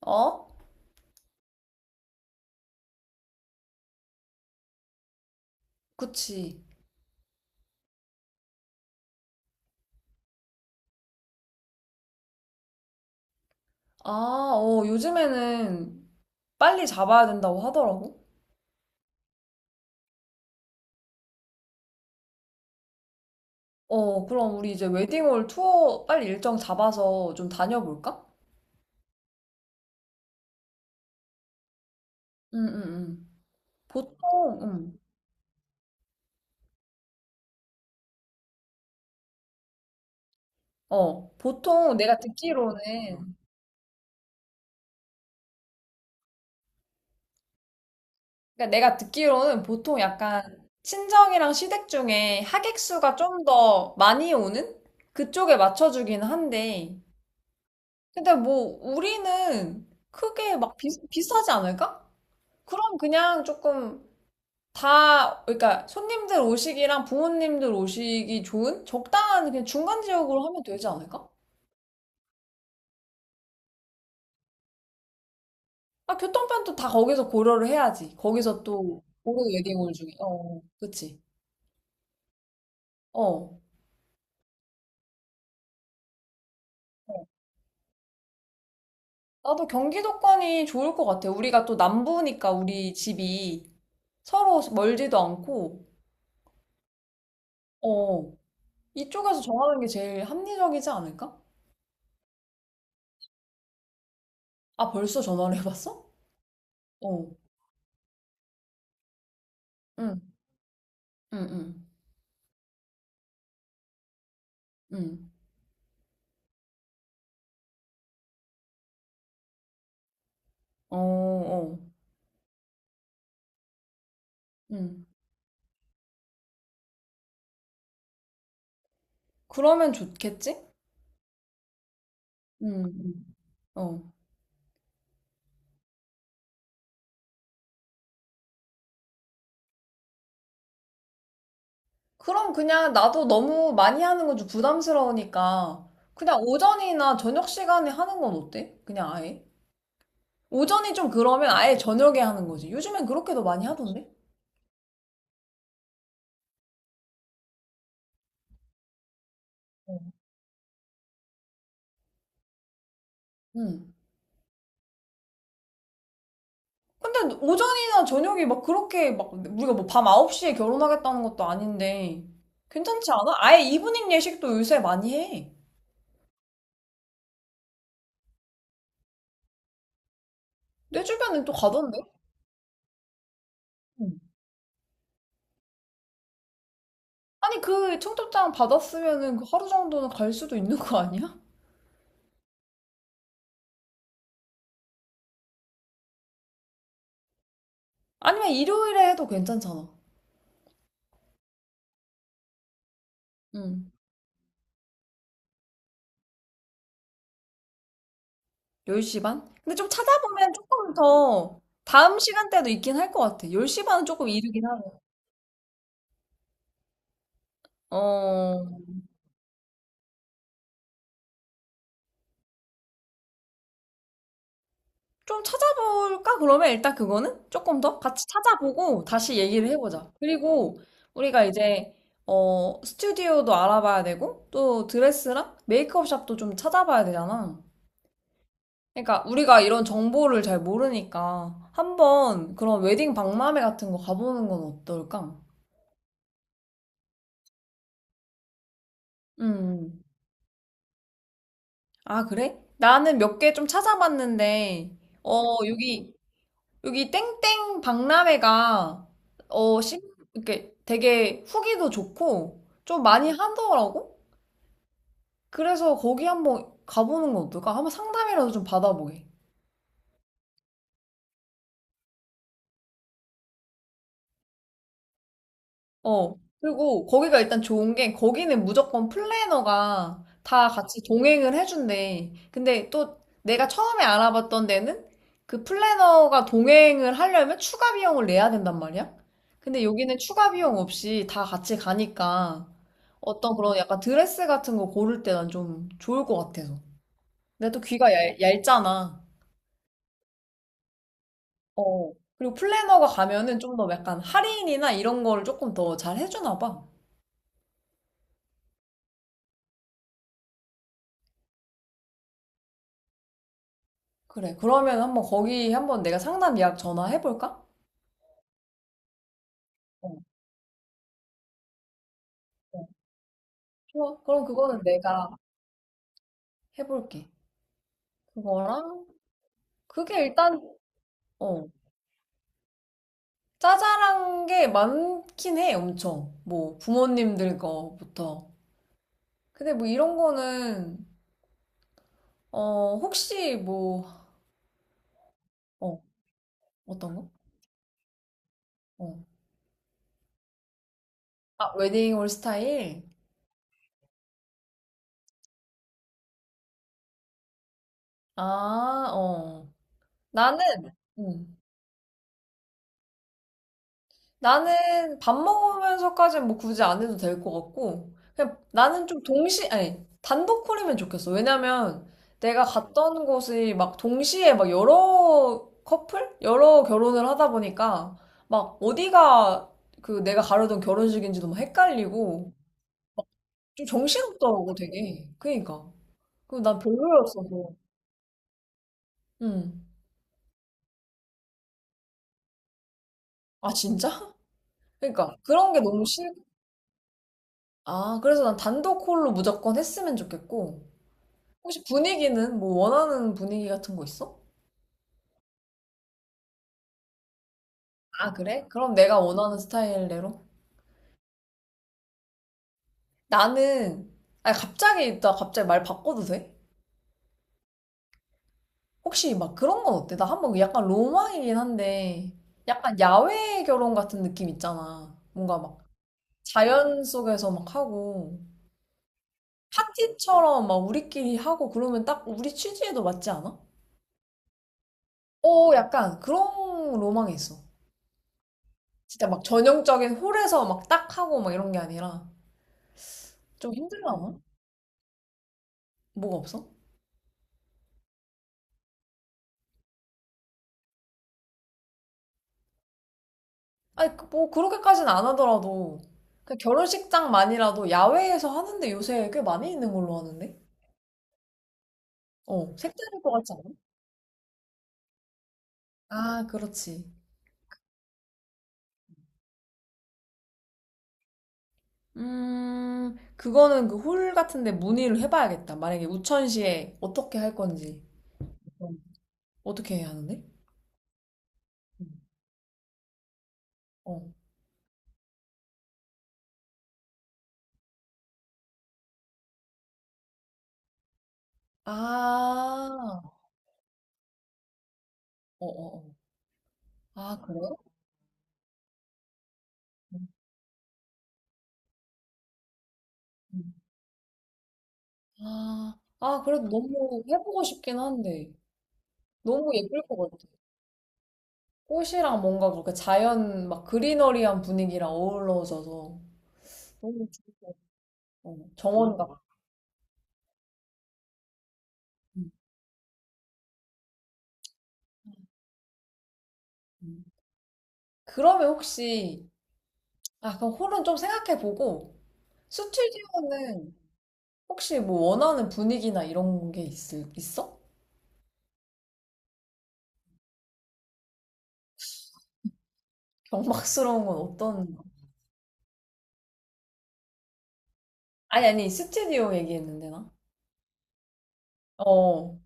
어? 그치. 아, 어, 요즘에는 빨리 잡아야 된다고 하더라고. 어, 그럼 우리 이제 웨딩홀 투어 빨리 일정 잡아서 좀 다녀볼까? 응, 응, 응. 보통, 응. 어, 보통 내가 듣기로는, 그러니까 내가 듣기로는 보통 약간 친정이랑 시댁 중에 하객 수가 좀 더 많이 오는? 그쪽에 맞춰주긴 한데. 근데 뭐, 우리는 크게 막 비싸지 않을까? 그럼 그냥 조금 그러니까 손님들 오시기랑 부모님들 오시기 좋은 적당한 그냥 중간 지역으로 하면 되지 않을까? 아, 교통편도 다 거기서 고려를 해야지. 거기서 또 고려 웨딩홀 중에. 어, 어, 그치. 어. 어. 나도 경기도권이 좋을 것 같아. 우리가 또 남부니까 우리 집이 서로 멀지도 않고, 어. 어. 이쪽에서 정하는 게 제일 합리적이지 않을까? 아, 벌써 전화를 해봤어? 어. 응, 응, 응, 응. 어, 어. 응. 그러면 좋겠지? 음, 음. 어. 그럼 그냥 나도 너무 많이 하는 건 좀 부담스러우니까 그냥 오전이나 저녁 시간에 하는 건 어때? 그냥 아예? 오전이 좀 그러면 아예 저녁에 하는 거지. 요즘엔 그렇게도 많이 하던데? 어. 응. 근데 오전이나 저녁이 막 그렇게 막 우리가 뭐 밤 9시에 결혼하겠다는 것도 아닌데 괜찮지 않아? 아예 이브닝 예식도 요새 많이 해. 내 주변엔 또 가던데? 음. 아니 그 청첩장 받았으면은 그 하루 정도는 갈 수도 있는 거 아니야? 아니면 일요일에 해도 괜찮잖아. 응. 10시 반? 근데 좀 찾아보면 조금 더 다음 시간대도 있긴 할 것 같아. 10시 반은 조금 이르긴 하네. 어, 좀 찾아볼까? 그러면 일단 그거는 조금 더 같이 찾아보고 다시 얘기를 해보자. 그리고 우리가 이제, 스튜디오도 알아봐야 되고, 또 드레스랑 메이크업 샵도 좀 찾아봐야 되잖아. 그러니까 우리가 이런 정보를 잘 모르니까 한번 그런 웨딩 박람회 같은 거 가보는 건 어떨까? 음. 아, 그래? 나는 몇 개 좀 찾아봤는데, 어, 여기 땡땡 박람회가, 어, 심, 이렇게 되게 후기도 좋고, 좀 많이 하더라고? 그래서 거기 한번 가보는 건 어떨까? 한번 상담이라도 좀 받아보게. 어. 그리고 거기가 일단 좋은 게 거기는 무조건 플래너가 다 같이 동행을 해준대. 근데 또 내가 처음에 알아봤던 데는 그 플래너가 동행을 하려면 추가 비용을 내야 된단 말이야. 근데 여기는 추가 비용 없이 다 같이 가니까 어떤 그런 약간 드레스 같은 거 고를 때 난 좀 좋을 것 같아서. 근데 또 귀가 얇잖아. 어. 그리고 플래너가 가면은 좀 더 약간 할인이나 이런 거를 조금 더 잘 해주나 봐. 그래. 그러면 한번 거기 한번 내가 상담 예약 전화해볼까? 어, 어. 좋아. 그럼 그거는 내가 해볼게. 그거랑, 그게 일단, 어, 짜잘한 게 많긴 해, 엄청. 뭐, 부모님들 거부터. 근데 뭐 이런 거는, 혹시 뭐, 어, 어떤 거? 어. 아, 웨딩홀 스타일? 아, 어. 나는, 음. 나는 밥 먹으면서까지는 뭐 굳이 안 해도 될 것 같고, 그냥 나는 좀 동시, 아니, 단독 콜이면 좋겠어. 왜냐면 내가 갔던 곳이 막 동시에 막 여러 커플? 여러 결혼을 하다 보니까 막 어디가 그 내가 가려던 결혼식인지도 막 헷갈리고, 막 좀 정신없더라고, 되게. 그니까. 그리고 난 별로였어서. 응. 아, 진짜? 그니까. 러 그런 게 너무 싫. 아, 그래서 난 단독 콜로 무조건 했으면 좋겠고, 혹시 분위기는 뭐 원하는 분위기 같은 거 있어? 아, 그래? 그럼 내가 원하는 스타일대로? 나는, 아 갑자기, 나 갑자기 말 바꿔도 돼? 혹시 막 그런 건 어때? 나 한번 약간 로망이긴 한데, 약간 야외 결혼 같은 느낌 있잖아. 뭔가 막 자연 속에서 막 하고, 파티처럼 막 우리끼리 하고 그러면 딱 우리 취지에도 맞지 않아? 오, 약간 그런 로망이 있어. 진짜 막 전형적인 홀에서 막 딱 하고 막 이런 게 아니라, 좀 힘들나? 뭐가 없어? 아니, 뭐, 그렇게까지는 안 하더라도, 그 결혼식장만이라도 야외에서 하는데 요새 꽤 많이 있는 걸로 하는데 어, 색다를 것 같지 않아? 아, 그렇지. 그거는 그 홀 같은데 문의를 해봐야겠다. 만약에 우천시에 어떻게 할 건지. 어. 어떻게 해야 하는데? 음. 어. 아, 어, 어, 어. 아, 그래요? 음, 음. 아, 아, 그래도 너무 해보고 싶긴 한데. 너무 예쁠 것 같아. 꽃이랑 뭔가 그렇게 자연 막 그리너리한 분위기랑 어우러져서 너무 좋-. 어, 정원 같고. 음, 음. 그러면 혹시 아 그럼 홀은 좀 생각해보고 스튜디오는 혹시 뭐 원하는 분위기나 이런 게 있을 있어? 경박스러운 건 어떤? 아니 아니 스튜디오 얘기했는데 나. 어,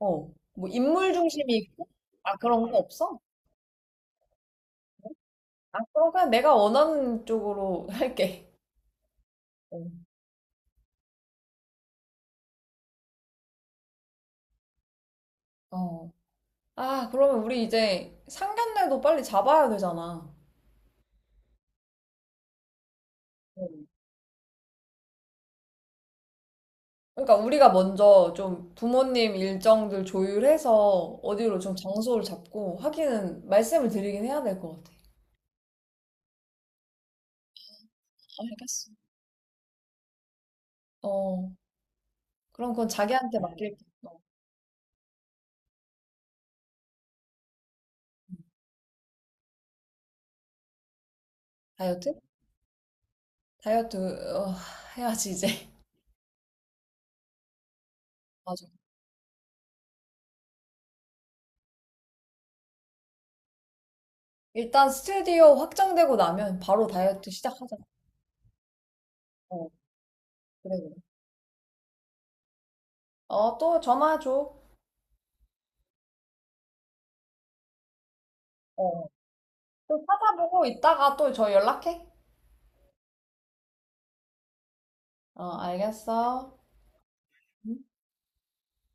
어. 뭐 인물 중심이 있고? 아 그런 거 없어? 아 그럼 그냥 내가 원하는 쪽으로 할게. 어. 어. 아, 그러면 우리 이제 상견례도 빨리 잡아야 되잖아. 음. 그러니까 우리가 먼저 좀 부모님 일정들 조율해서 어디로 좀 장소를 잡고 하기는 말씀을 드리긴 해야 될 것 같아. 알겠어. 어, 그럼 그건 자기한테 맡길게. 어, 다이어트? 다이어트, 어, 해야지, 이제. 맞아. 일단 스튜디오 확정되고 나면 바로 다이어트 시작하자. 어, 그래, 그래. 어, 또 전화 줘. 어, 또 찾아보고 이따가 또 저 연락해. 어, 알겠어.